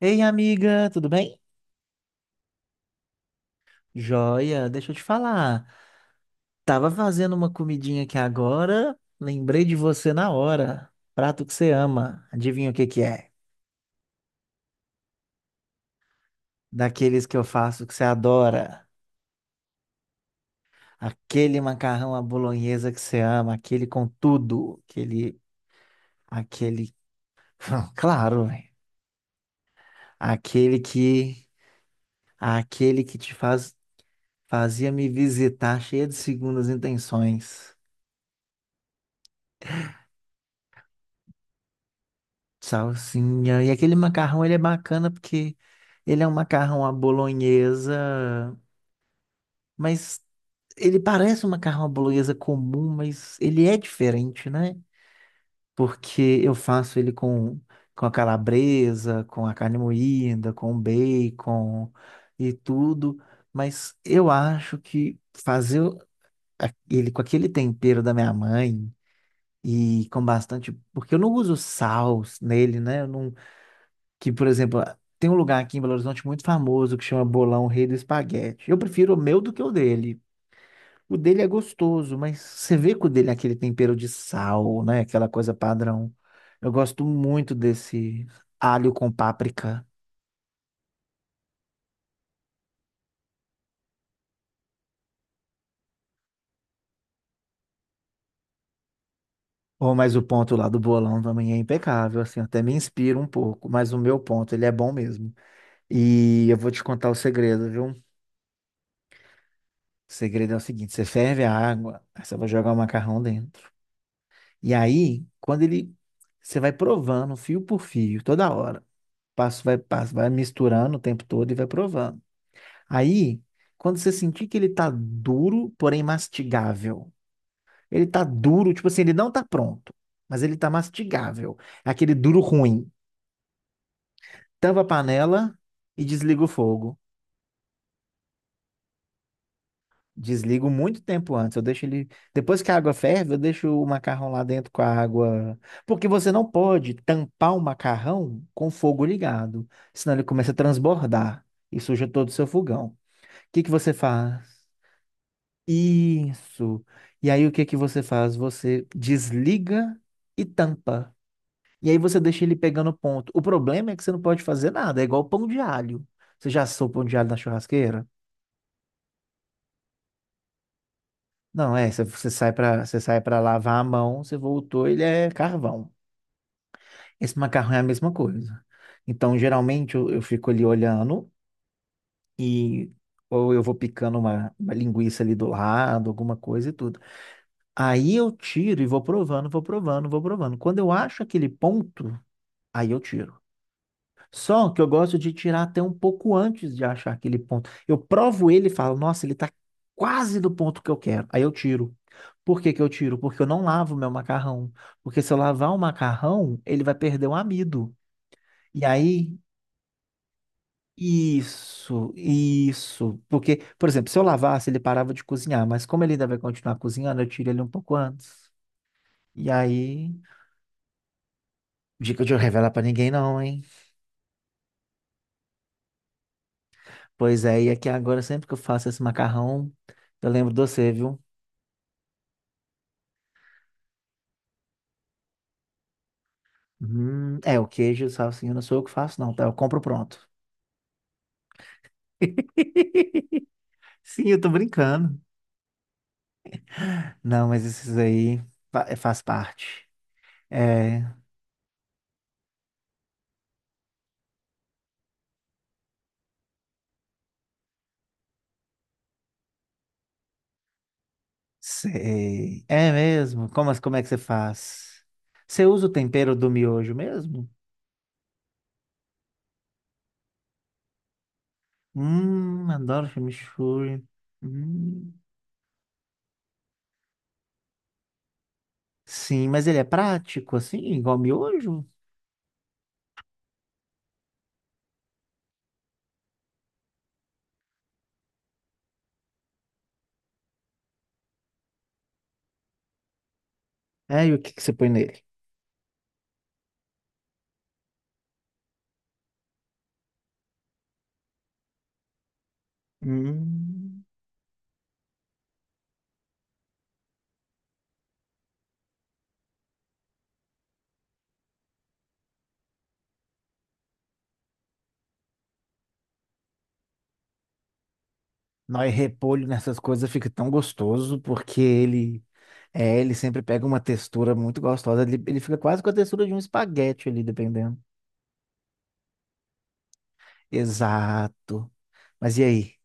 Ei, amiga, tudo bem? Joia, deixa eu te falar. Tava fazendo uma comidinha aqui agora, lembrei de você na hora. Prato que você ama, adivinha o que que é? Daqueles que eu faço que você adora. Aquele macarrão à bolonhesa que você ama, aquele com tudo, aquele, claro, velho. Aquele que, aquele que fazia me visitar cheia de segundas intenções. Salsinha. E aquele macarrão, ele é bacana porque ele é um macarrão à bolonhesa, mas ele parece um macarrão à bolonhesa comum, mas ele é diferente, né? Porque eu faço ele com a calabresa, com a carne moída, com bacon e tudo, mas eu acho que ele com aquele tempero da minha mãe e com bastante, porque eu não uso sal nele, né? Que, por exemplo, tem um lugar aqui em Belo Horizonte muito famoso que chama Bolão Rei do Espaguete. Eu prefiro o meu do que o dele. O dele é gostoso, mas você vê que o dele é aquele tempero de sal, né? Aquela coisa padrão. Eu gosto muito desse alho com páprica. Ou mas o ponto lá do bolão também é impecável, assim, até me inspira um pouco, mas o meu ponto, ele é bom mesmo. E eu vou te contar o segredo, viu? O segredo é o seguinte: você ferve a água, aí você vai jogar o macarrão dentro. E aí, você vai provando fio por fio, toda hora, passo, vai misturando o tempo todo e vai provando. Aí, quando você sentir que ele tá duro, porém mastigável, ele tá duro, tipo assim, ele não tá pronto, mas ele tá mastigável. É aquele duro ruim. Tampa a panela e desliga o fogo. Desligo muito tempo antes. Eu deixo ele. Depois que a água ferve, eu deixo o macarrão lá dentro com a água. Porque você não pode tampar o macarrão com o fogo ligado. Senão ele começa a transbordar e suja todo o seu fogão. O que que você faz? Isso. E aí o que que você faz? Você desliga e tampa. E aí você deixa ele pegando ponto. O problema é que você não pode fazer nada. É igual pão de alho. Você já assou pão de alho na churrasqueira? Não, é, se você sai para você sai para lavar a mão, você voltou, ele é carvão. Esse macarrão é a mesma coisa. Então, geralmente eu fico ali olhando e ou eu vou picando uma linguiça ali do lado, alguma coisa e tudo. Aí eu tiro e vou provando, vou provando, vou provando. Quando eu acho aquele ponto, aí eu tiro. Só que eu gosto de tirar até um pouco antes de achar aquele ponto. Eu provo ele e falo, nossa, ele está quase do ponto que eu quero. Aí eu tiro. Por que que eu tiro? Porque eu não lavo meu macarrão. Porque se eu lavar o macarrão, ele vai perder o amido. E aí, isso, isso. Porque, por exemplo, se eu lavasse, ele parava de cozinhar. Mas como ele ainda vai continuar cozinhando, eu tiro ele um pouco antes. E aí, dica de eu revelar pra ninguém não, hein? Pois é, e aqui agora, sempre que eu faço esse macarrão, eu lembro de você, viu? É, o queijo, salsinha, não sou eu que faço, não, tá? Eu compro pronto. Sim, eu tô brincando. Não, mas esses aí é, faz parte. É, sei. É mesmo? Como é que você faz? Você usa o tempero do miojo mesmo? Adoro chimichurri. Hum, sim, mas ele é prático, assim, igual miojo? É, e o que que você põe nele? Hum. Nós repolho nessas coisas fica tão gostoso porque ele é, ele sempre pega uma textura muito gostosa. Ele fica quase com a textura de um espaguete ali, dependendo. Exato. Mas e aí?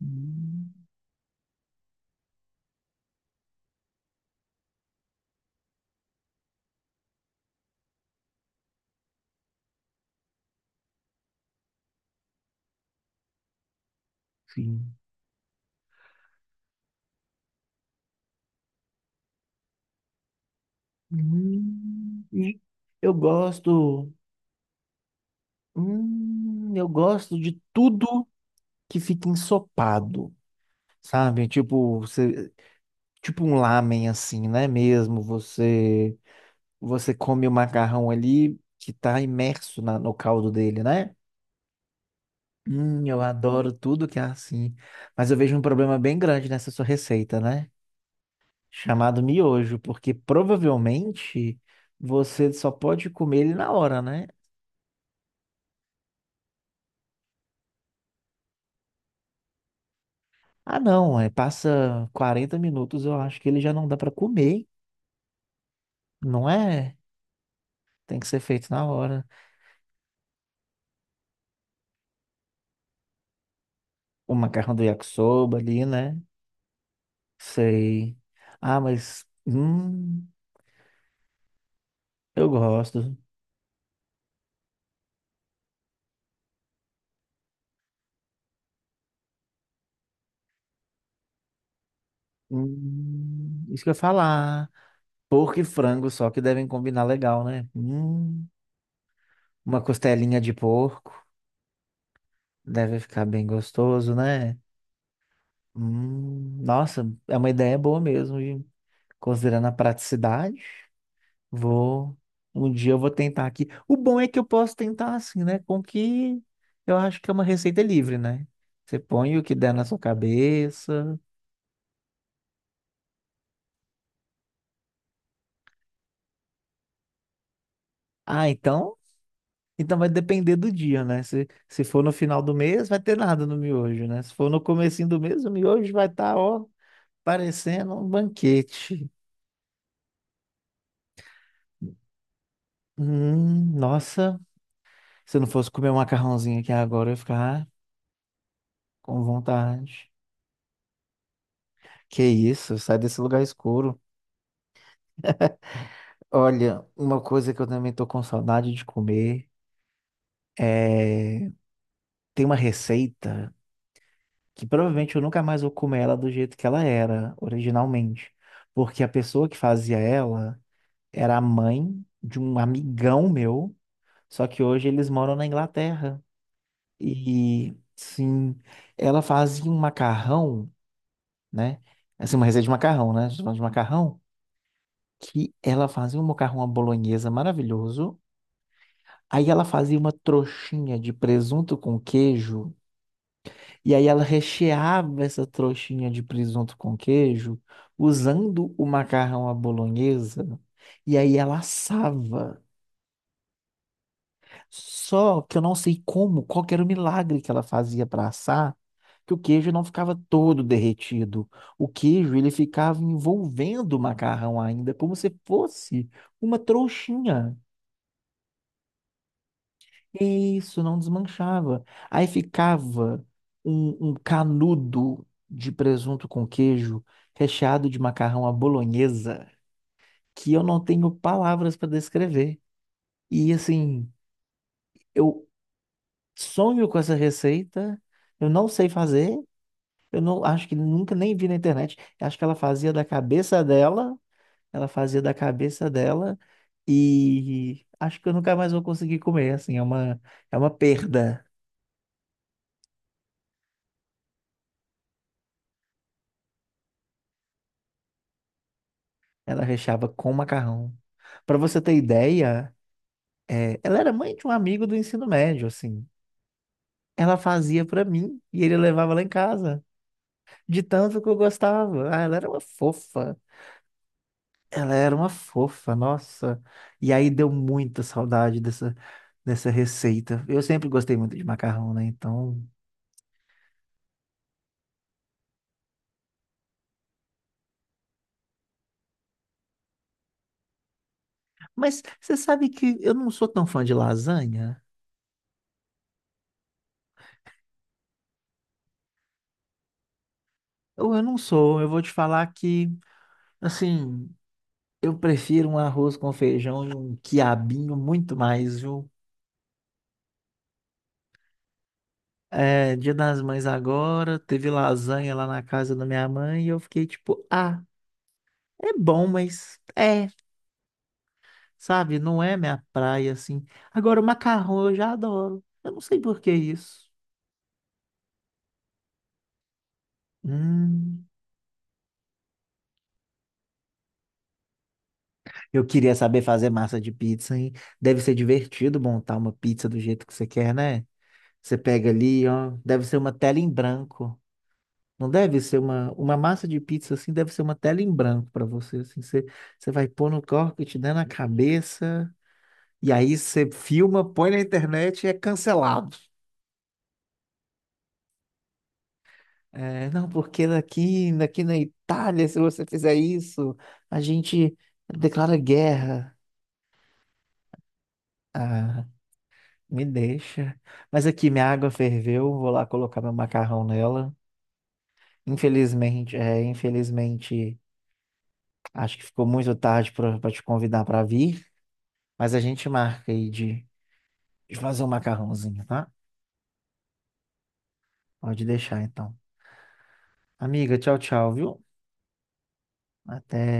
Hum. Sim. E eu gosto. Eu gosto de tudo que fica ensopado, sabe? Tipo, você, tipo um lamen assim, né? Mesmo você você come o macarrão ali que tá imerso no caldo dele, né? Eu adoro tudo que é assim. Mas eu vejo um problema bem grande nessa sua receita, né? Chamado miojo, porque provavelmente você só pode comer ele na hora, né? Ah, não, é, passa 40 minutos, eu acho que ele já não dá pra comer, não é? Tem que ser feito na hora. O macarrão do yakisoba ali, né? Sei. Ah, mas eu gosto. Isso que eu ia falar. Porco e frango, só que devem combinar legal, né? Uma costelinha de porco deve ficar bem gostoso, né? Nossa, é uma ideia boa mesmo. E considerando a praticidade, vou. Um dia eu vou tentar aqui. O bom é que eu posso tentar assim, né? Com que eu acho que é uma receita livre, né? Você põe o que der na sua cabeça. Ah, então então vai depender do dia, né? Se for no final do mês, vai ter nada no miojo, né? Se for no comecinho do mês, o miojo vai estar, ó, parecendo um banquete. Nossa, se eu não fosse comer um macarrãozinho aqui agora, eu ia ficar com vontade. Que isso, sai desse lugar escuro. Olha, uma coisa que eu também tô com saudade de comer é... tem uma receita que provavelmente eu nunca mais vou comer ela do jeito que ela era originalmente. Porque a pessoa que fazia ela era a mãe de um amigão meu, só que hoje eles moram na Inglaterra. E sim, ela fazia um macarrão, né? Assim, uma receita de macarrão, né? A gente falando de macarrão, que ela fazia um macarrão à bolonhesa maravilhoso. Aí ela fazia uma trouxinha de presunto com queijo, e aí ela recheava essa trouxinha de presunto com queijo usando o macarrão à bolonhesa, e aí ela assava. Só que eu não sei como, qual que era o milagre que ela fazia para assar, que o queijo não ficava todo derretido. O queijo, ele ficava envolvendo o macarrão ainda, como se fosse uma trouxinha. E isso não desmanchava. Aí ficava um canudo de presunto com queijo, recheado de macarrão à bolonhesa, que eu não tenho palavras para descrever. E assim, eu sonho com essa receita, eu não sei fazer. Eu não acho que nunca nem vi na internet. Eu acho que ela fazia da cabeça dela, ela fazia da cabeça dela e acho que eu nunca mais vou conseguir comer, assim, é uma perda. Ela recheava com macarrão. Para você ter ideia, é, ela era mãe de um amigo do ensino médio, assim. Ela fazia para mim e ele levava lá em casa, de tanto que eu gostava. Ah, ela era uma fofa. Ela era uma fofa, nossa. E aí deu muita saudade dessa receita. Eu sempre gostei muito de macarrão, né? Então. Mas você sabe que eu não sou tão fã de lasanha? Ou eu não sou. Eu vou te falar que, assim, eu prefiro um arroz com feijão e um quiabinho muito mais, viu? É, Dia das Mães agora, teve lasanha lá na casa da minha mãe e eu fiquei tipo, ah, é bom, mas. É. Sabe? Não é minha praia, assim. Agora, o macarrão eu já adoro. Eu não sei por que isso. Hum, eu queria saber fazer massa de pizza, hein? Deve ser divertido montar uma pizza do jeito que você quer, né? Você pega ali, ó, deve ser uma tela em branco. Não deve ser uma massa de pizza assim, deve ser uma tela em branco para você, assim, você, você vai pôr no corpo, te dando na cabeça, e aí você filma, põe na internet e é cancelado. É, não, porque daqui na Itália, se você fizer isso, a gente declara guerra. Ah, me deixa. Mas aqui minha água ferveu, vou lá colocar meu macarrão nela. Infelizmente, acho que ficou muito tarde para te convidar para vir, mas a gente marca aí de fazer um macarrãozinho, tá? Pode deixar então. Amiga, tchau, tchau, viu? Até.